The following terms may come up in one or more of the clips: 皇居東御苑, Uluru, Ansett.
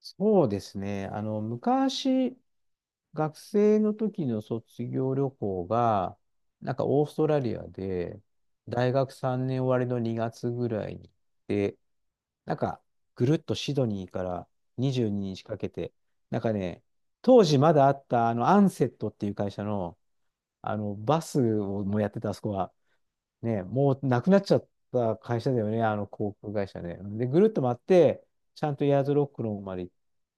そうですね。昔、学生の時の卒業旅行が、オーストラリアで、大学3年終わりの2月ぐらいに行って、なんか、ぐるっとシドニーから22日かけて、なんかね、当時まだあった、アンセットっていう会社の、バスをもやってた、あそこは。ね、もうなくなっちゃった会社だよね、あの航空会社ね。で、ぐるっと回って、ちゃんとエアーズロックの方まで行っ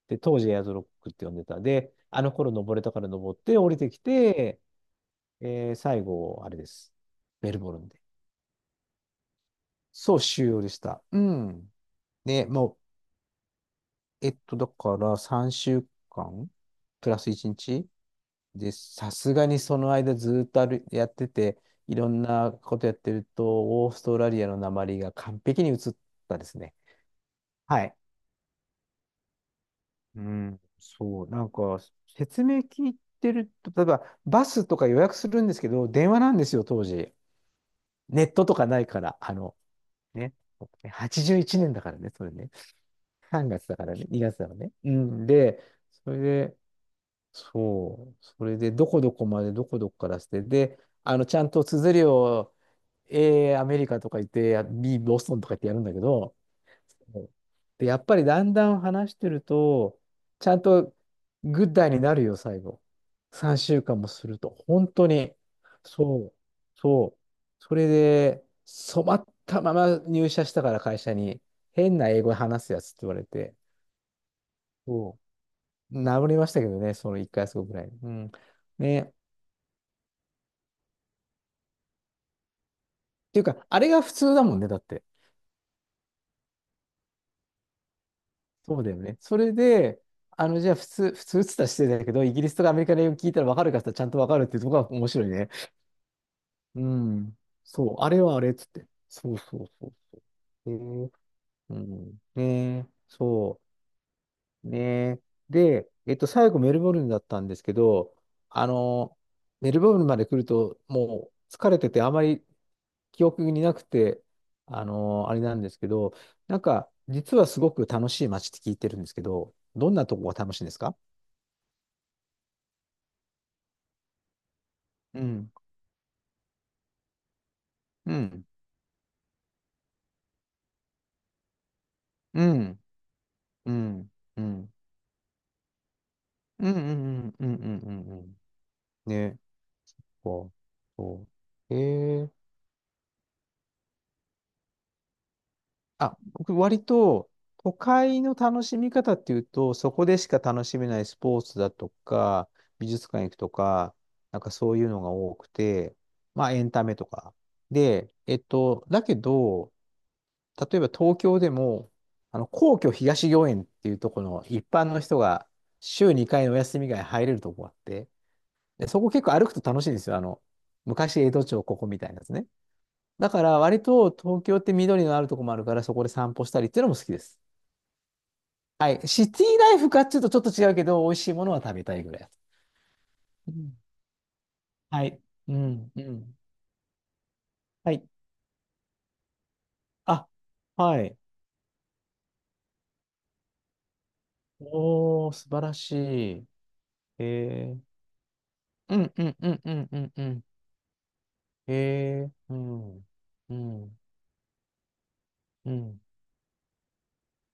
て、当時エアーズロックって呼んでた。で、あの頃登れたから登って降りてきて、最後、あれです。メルボルンで。そう、終了でした。うん。ね、もう、えっと、だから3週間プラス1日で、さすがにその間ずっとあるやってて、いろんなことやってると、オーストラリアの訛りが完璧に移ったですね。はい。うん、そう、説明聞いてると、例えば、バスとか予約するんですけど、電話なんですよ、当時。ネットとかないから、ね、81年だからね、それね。3月だからね、2月だからね。うん、で、それで、そう、それで、どこどこまで、どこどこからして、で、ちゃんと綴りを、A、アメリカとか言って、B、ボストンとか言ってやるんだけど、そうで、やっぱりだんだん話してると、ちゃんとグッダイになるよ、最後。3週間もすると。本当に。そう。そう。それで、染まったまま入社したから会社に、変な英語話すやつって言われて、そう。治りましたけどね、その1回月ごぐらいに。うん。ね。っていうか、あれが普通だもんね、だって。そうだよね。それで、じゃあ普通っつったら失礼だけど、イギリスとかアメリカの英語聞いたら分かるかって言ったらちゃんと分かるっていうところが面白いね。うん。そう、あれはあれっつって。そうそうそうそう。へえうん。ねえ、そう。ねえ。で、最後メルボルンだったんですけど、あの、メルボルンまで来ると、もう疲れてて、あまり記憶になくて、あの、あれなんですけど、実はすごく楽しい街って聞いてるんですけど、どんなとこが楽しいんですか？うん。うん。うん。うん。うん。うん。うん。うん。うん。うん。うん。うんねこう、そう。えー、あ、僕割と都会の楽しみ方っていうと、そこでしか楽しめないスポーツだとか、美術館行くとか、そういうのが多くて、まあエンタメとか。で、だけど、例えば東京でも、皇居東御苑っていうところの一般の人が週2回のお休みが入れるとこがあって、で、そこ結構歩くと楽しいんですよ。昔江戸町ここみたいなやつね。だから割と東京って緑のあるとこもあるからそこで散歩したりっていうのも好きです。はい。シティライフかっていうとちょっと違うけど、美味しいものは食べたいぐらいだと。うんはい。うん。うん。はい。あ、はい。おー、素晴らしい。えー。うんうんうんうんうんうん。えー。うん。うん。うん。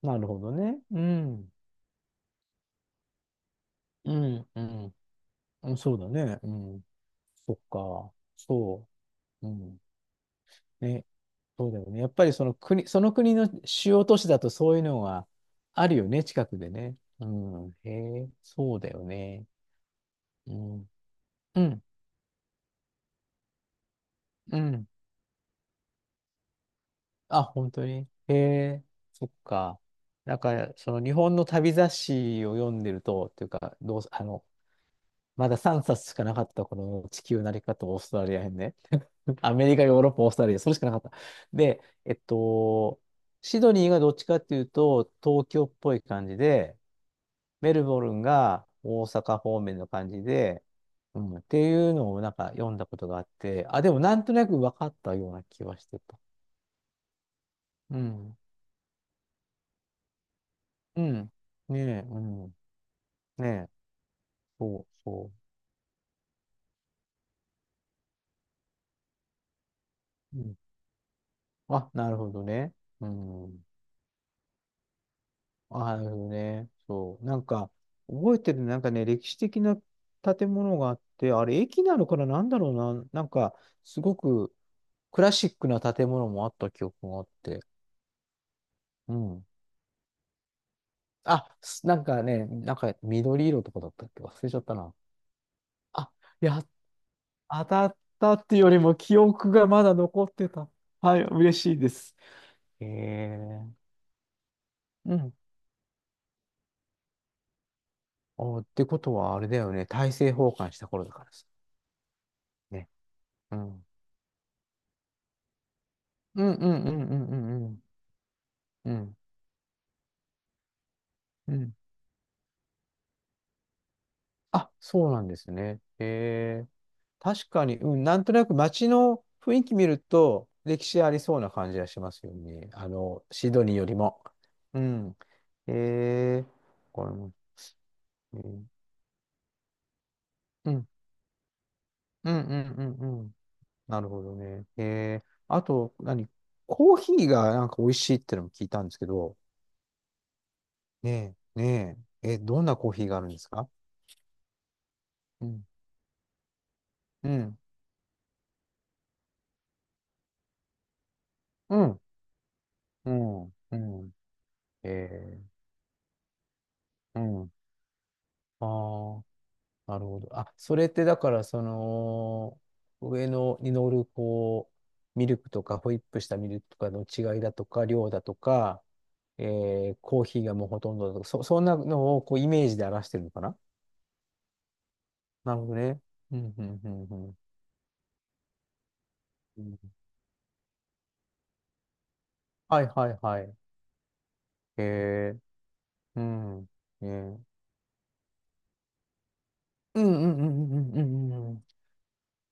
なるほどね。うん。うん。うん。うんそうだね。うん。そっか。そう。うん。ね、そうだよね。やっぱりその国、その国の主要都市だとそういうのはあるよね、近くでね。うん。へえ、そうだよね。うん。うん。うん。あ、本当に。へえ、そっか。その日本の旅雑誌を読んでると、っていうか、どう、あの、まだ3冊しかなかったこの地球なり方、オーストラリア編ね。アメリカ、ヨーロッパ、オーストラリア、それしかなかった。で、シドニーがどっちかっていうと、東京っぽい感じで、メルボルンが大阪方面の感じで、うん、っていうのを読んだことがあって、あ、でもなんとなく分かったような気はしてた。うん。うん。ねえ、うん。ねえ、そうそう。うん、あ、なるほどね。うん。あ、なるほどね。そう。覚えてる、なんかね、歴史的な建物があって、あれ、駅なのかな、な、なんか、すごくクラシックな建物もあった記憶があって。うん。なんかね、なんか緑色とかだったっけ忘れちゃったな。あ、や、当たったっていうよりも記憶がまだ残ってた。はい、嬉しいです。へえ。うん。お、ってことはあれだよね。大政奉還した頃だからさ。ね。うん。うんうんうんうんうんうん。うん。うん。あ、そうなんですね。へえ。確かに、うん、なんとなく街の雰囲気見ると、歴史ありそうな感じがしますよね。シドニーよりも。うん。えー、これもね、えーうん、うん、うん、うん、うん。なるほどね。えー、あと、何コーヒーがなんか美味しいってのも聞いたんですけど、ねえ、ねえ、え、どんなコーヒーがあるんですか？うん、うん、うん、うん、うん、えー、うん、ああ。なるほど。あ、それってだから、上のに乗る、こう、ミルクとか、ホイップしたミルクとかの違いだとか、量だとか、えーコーヒーがもうほとんどだとか、そんなのをこうイメージで表してるのかな？なるほどね。うん、うん、うん、うん。うんはい、はい、はい。えー、うん。えーうん、うん、うん、うん、うん、うん。うん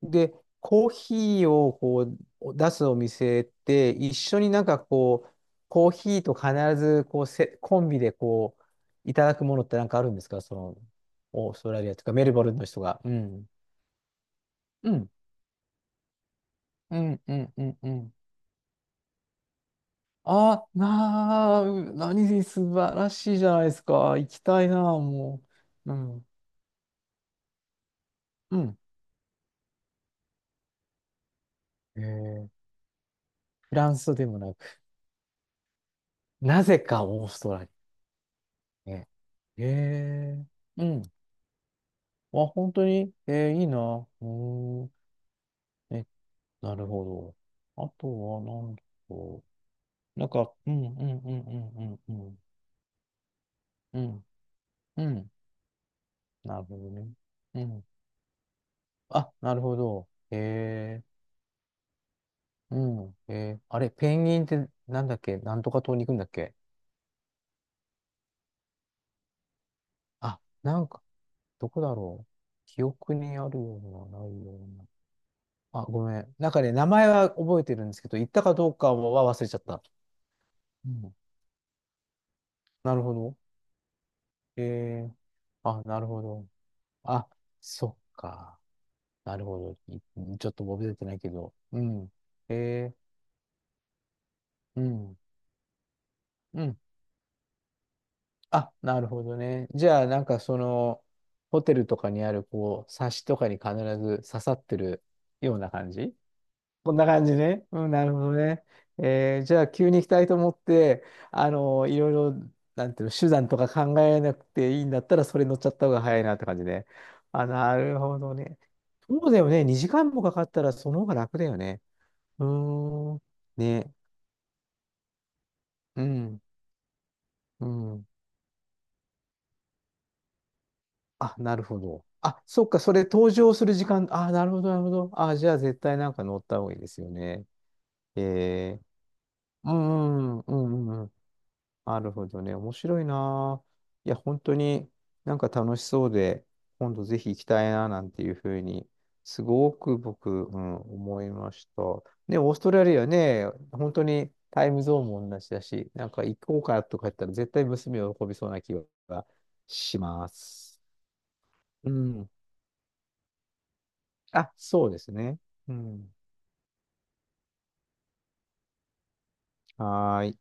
で、コーヒーをこう出すお店って一緒になんかこう、コーヒーと必ずこうせコンビでこう、いただくものってなんかあるんですかその、オーストラリアとかメルボルンの人が。うん。うん。うん、うん、うん、うん。あ、なあ、う何で素晴らしいじゃないですか。行きたいな、もう。うん。うん。えー、フランスでもなく、なぜかオーストラリアね。えー、うん。あ、本当にえーいいな。うーん。え、なるほど。あとは、なんだろう。なんか、うん、うん、うん、うん、うん、うん。うん、うんなるほどね。うん。あ、なるほど。えー、うん、えー、あれ、ペンギンってなんだっけなんとか島に行くんだっけ？あ、なんか、どこだろう。記憶にあるような、ないような。あ、ごめん。なんかね、名前は覚えてるんですけど、行ったかどうかは忘れちゃった。うん。なるほど。えーあ、なるほど。あ、そっか。なるほど。い ちょっと覚えてないけど。うん。へえー、うん。うん。あ、なるほどね。じゃあ、ホテルとかにある、こう、サッシとかに必ず刺さってるような感じこんな感じね。うん、なるほどね。えーじゃあ、急に行きたいと思って、あの、いろいろ、なんていうの、手段とか考えなくていいんだったら、それ乗っちゃった方が早いなって感じね。あ、なるほどね。そうだよね。2時間もかかったら、その方が楽だよね。うーん。ね。うん。うん。あ、なるほど。あ、そっか、それ登場する時間。なるほど。あ、じゃあ、絶対なんか乗った方がいいですよね。えー、うん、うん、うん、うん。うんなるほどね。面白いな。いや、本当に楽しそうで、今度ぜひ行きたいな、なんていうふうに、すごく僕、うん、思いました。ね、オーストラリアね、本当にタイムゾーンも同じだし、なんか行こうかとか言ったら絶対娘を喜びそうな気がします。うん。あ、そうですね。うん。はーい。